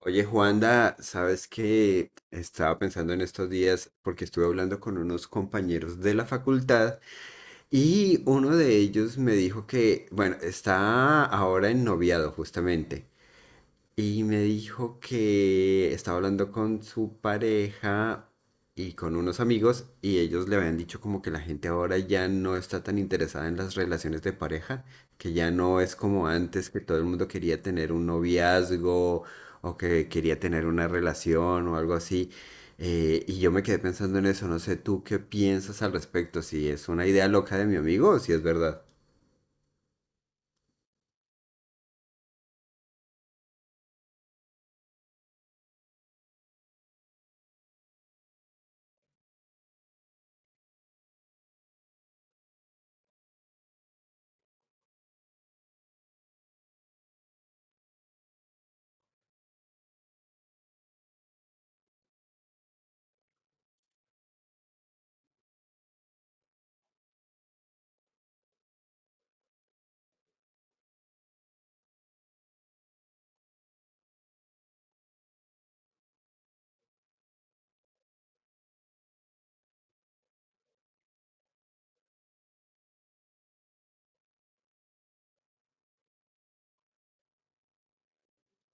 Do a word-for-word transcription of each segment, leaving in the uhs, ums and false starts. Oye, Juanda, sabes que estaba pensando en estos días porque estuve hablando con unos compañeros de la facultad y uno de ellos me dijo que, bueno, está ahora en noviado justamente y me dijo que estaba hablando con su pareja y con unos amigos y ellos le habían dicho como que la gente ahora ya no está tan interesada en las relaciones de pareja, que ya no es como antes que todo el mundo quería tener un noviazgo o que quería tener una relación o algo así. Eh, y yo me quedé pensando en eso, no sé tú qué piensas al respecto, si es una idea loca de mi amigo o si es verdad.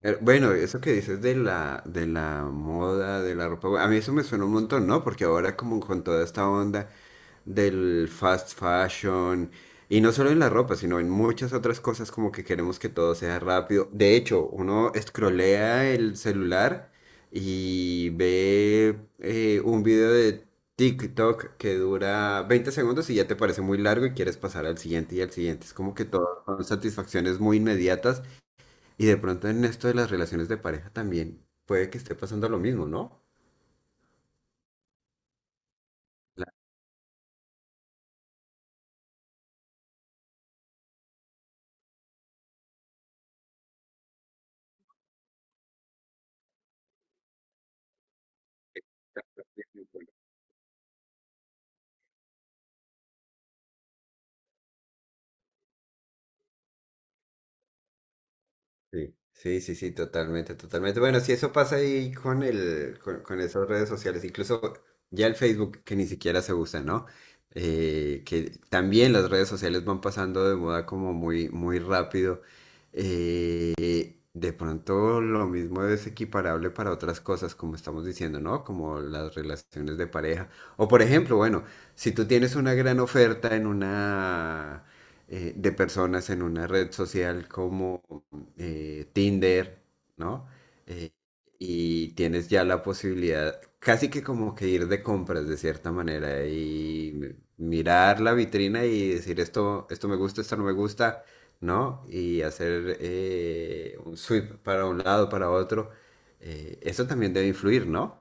Eh, Bueno, eso que dices de la, de la moda, de la ropa, a mí eso me suena un montón, ¿no? Porque ahora como con toda esta onda del fast fashion, y no solo en la ropa, sino en muchas otras cosas como que queremos que todo sea rápido. De hecho, uno escrolea el celular y ve eh, un video de TikTok que dura veinte segundos y ya te parece muy largo y quieres pasar al siguiente y al siguiente. Es como que todo son satisfacciones muy inmediatas y de pronto en esto de las relaciones de pareja también puede que esté pasando lo mismo, ¿no? La- Sí, sí, sí, sí, totalmente, totalmente. Bueno, si eso pasa ahí con el, con, con esas redes sociales, incluso ya el Facebook que ni siquiera se usa, ¿no? Eh, que también las redes sociales van pasando de moda como muy, muy rápido. Eh, De pronto lo mismo es equiparable para otras cosas, como estamos diciendo, ¿no? Como las relaciones de pareja. O por ejemplo, bueno, si tú tienes una gran oferta en una eh, de personas en una red social como eh, Tinder, ¿no? Eh, y tienes ya la posibilidad, casi que como que ir de compras de cierta manera y mirar la vitrina y decir esto, esto me gusta, esto no me gusta, ¿no? Y hacer eh, un sweep para un lado, para otro. Eh, eso también debe influir, ¿no?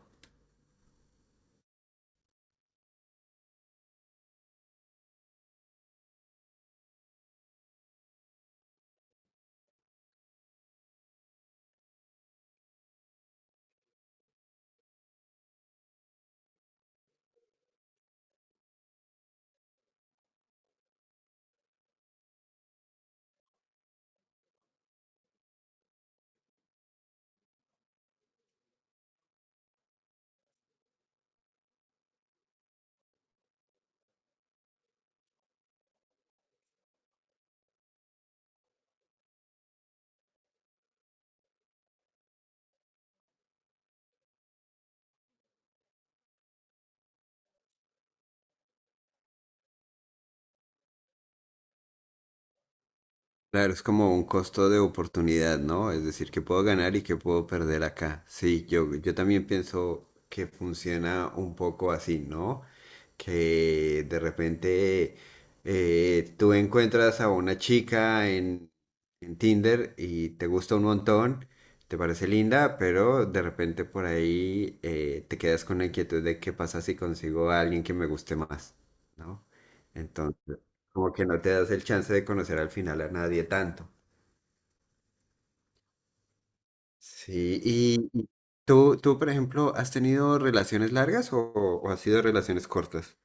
Claro, es como un costo de oportunidad, ¿no? Es decir, que puedo ganar y que puedo perder acá. Sí, yo, yo también pienso que funciona un poco así, ¿no? Que de repente eh, tú encuentras a una chica en, en Tinder y te gusta un montón, te parece linda, pero de repente por ahí eh, te quedas con la inquietud de qué pasa si consigo a alguien que me guste más, ¿no? Entonces... Como que no te das el chance de conocer al final a nadie tanto. Sí, y, y tú, tú, por ejemplo, ¿has tenido relaciones largas o, o has sido relaciones cortas?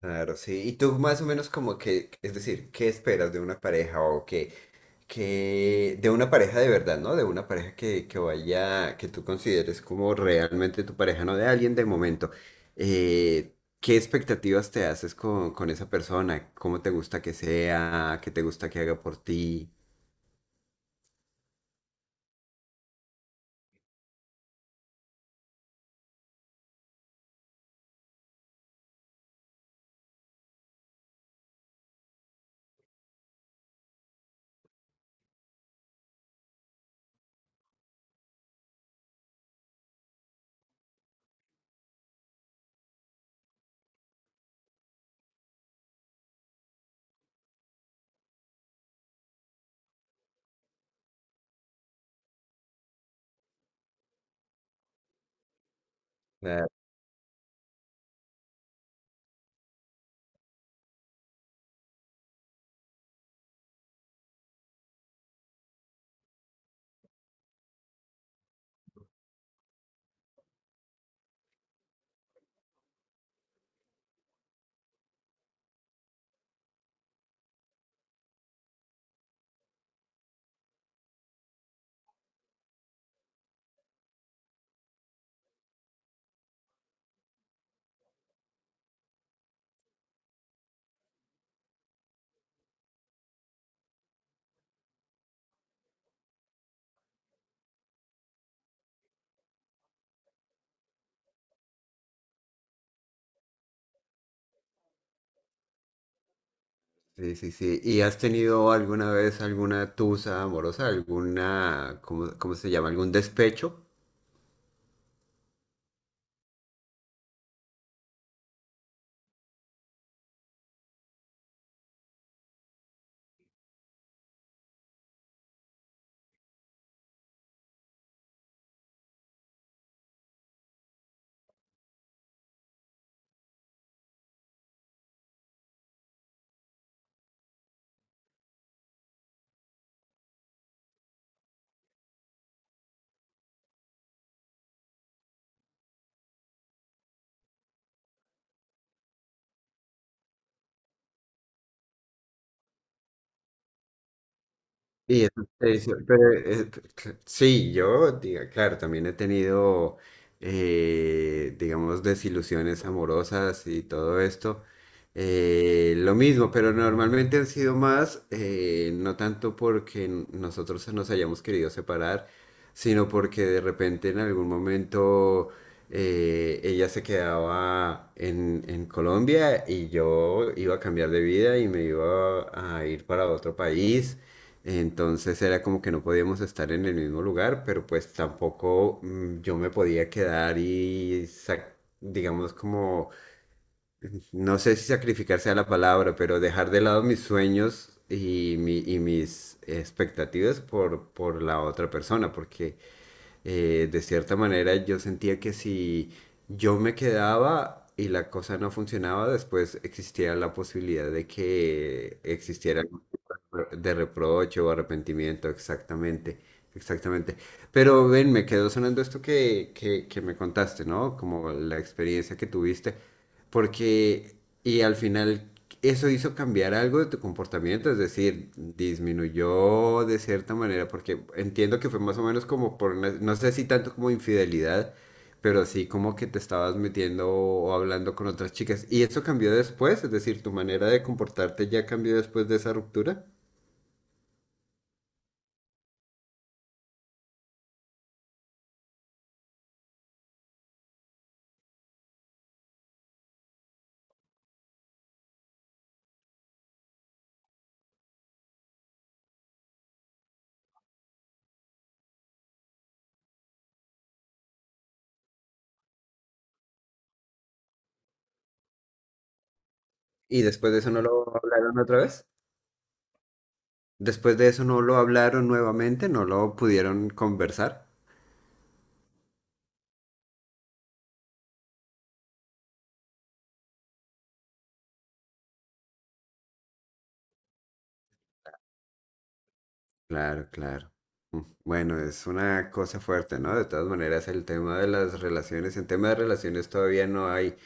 Claro, sí. Y tú más o menos como que, es decir, ¿qué esperas de una pareja o que, que de una pareja de verdad, ¿no? De una pareja que, que vaya, que tú consideres como realmente tu pareja, no de alguien de momento. Eh, ¿qué expectativas te haces con, con esa persona? ¿Cómo te gusta que sea? ¿Qué te gusta que haga por ti? Sí, sí, sí. ¿Y has tenido alguna vez alguna tusa amorosa, alguna, ¿cómo, cómo se llama? ¿Algún despecho? Y eso te dice, pero, eh, cl- sí, yo, diga, claro, también he tenido, eh, digamos, desilusiones amorosas y todo esto. Eh, lo mismo, pero normalmente han sido más, eh, no tanto porque n- nosotros nos hayamos querido separar, sino porque de repente en algún momento eh, ella se quedaba en, en Colombia y yo iba a cambiar de vida y me iba a ir para otro país. Entonces era como que no podíamos estar en el mismo lugar, pero pues tampoco mm, yo me podía quedar y, sac- digamos como, no sé si sacrificar sea la palabra, pero dejar de lado mis sueños y, mi- y mis expectativas por, por la otra persona, porque eh, de cierta manera yo sentía que si yo me quedaba y la cosa no funcionaba, después existía la posibilidad de que existiera algún tipo de reproche o arrepentimiento, exactamente, exactamente. Pero ven, me quedó sonando esto que, que, que me contaste, ¿no? Como la experiencia que tuviste. Porque, y al final eso hizo cambiar algo de tu comportamiento, es decir, disminuyó de cierta manera, porque entiendo que fue más o menos como por, una- no sé si tanto como infidelidad, pero sí como que te estabas metiendo o hablando con otras chicas. Y eso cambió después, es decir, tu manera de comportarte ya cambió después de esa ruptura. Y después de eso no lo hablaron otra vez. Después de eso no lo hablaron nuevamente, no lo pudieron conversar. Claro, claro. Mm, bueno, es una cosa fuerte, ¿no? De todas maneras, el tema de las relaciones, en tema de relaciones todavía no hay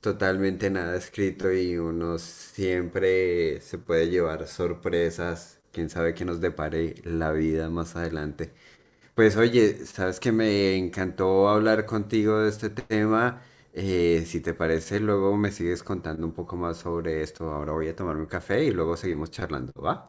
totalmente nada escrito y uno siempre se puede llevar sorpresas, quién sabe qué nos depare la vida más adelante. Pues oye, sabes que me encantó hablar contigo de este tema. Eh, si te parece, luego me sigues contando un poco más sobre esto. Ahora voy a tomarme un café y luego seguimos charlando, ¿va?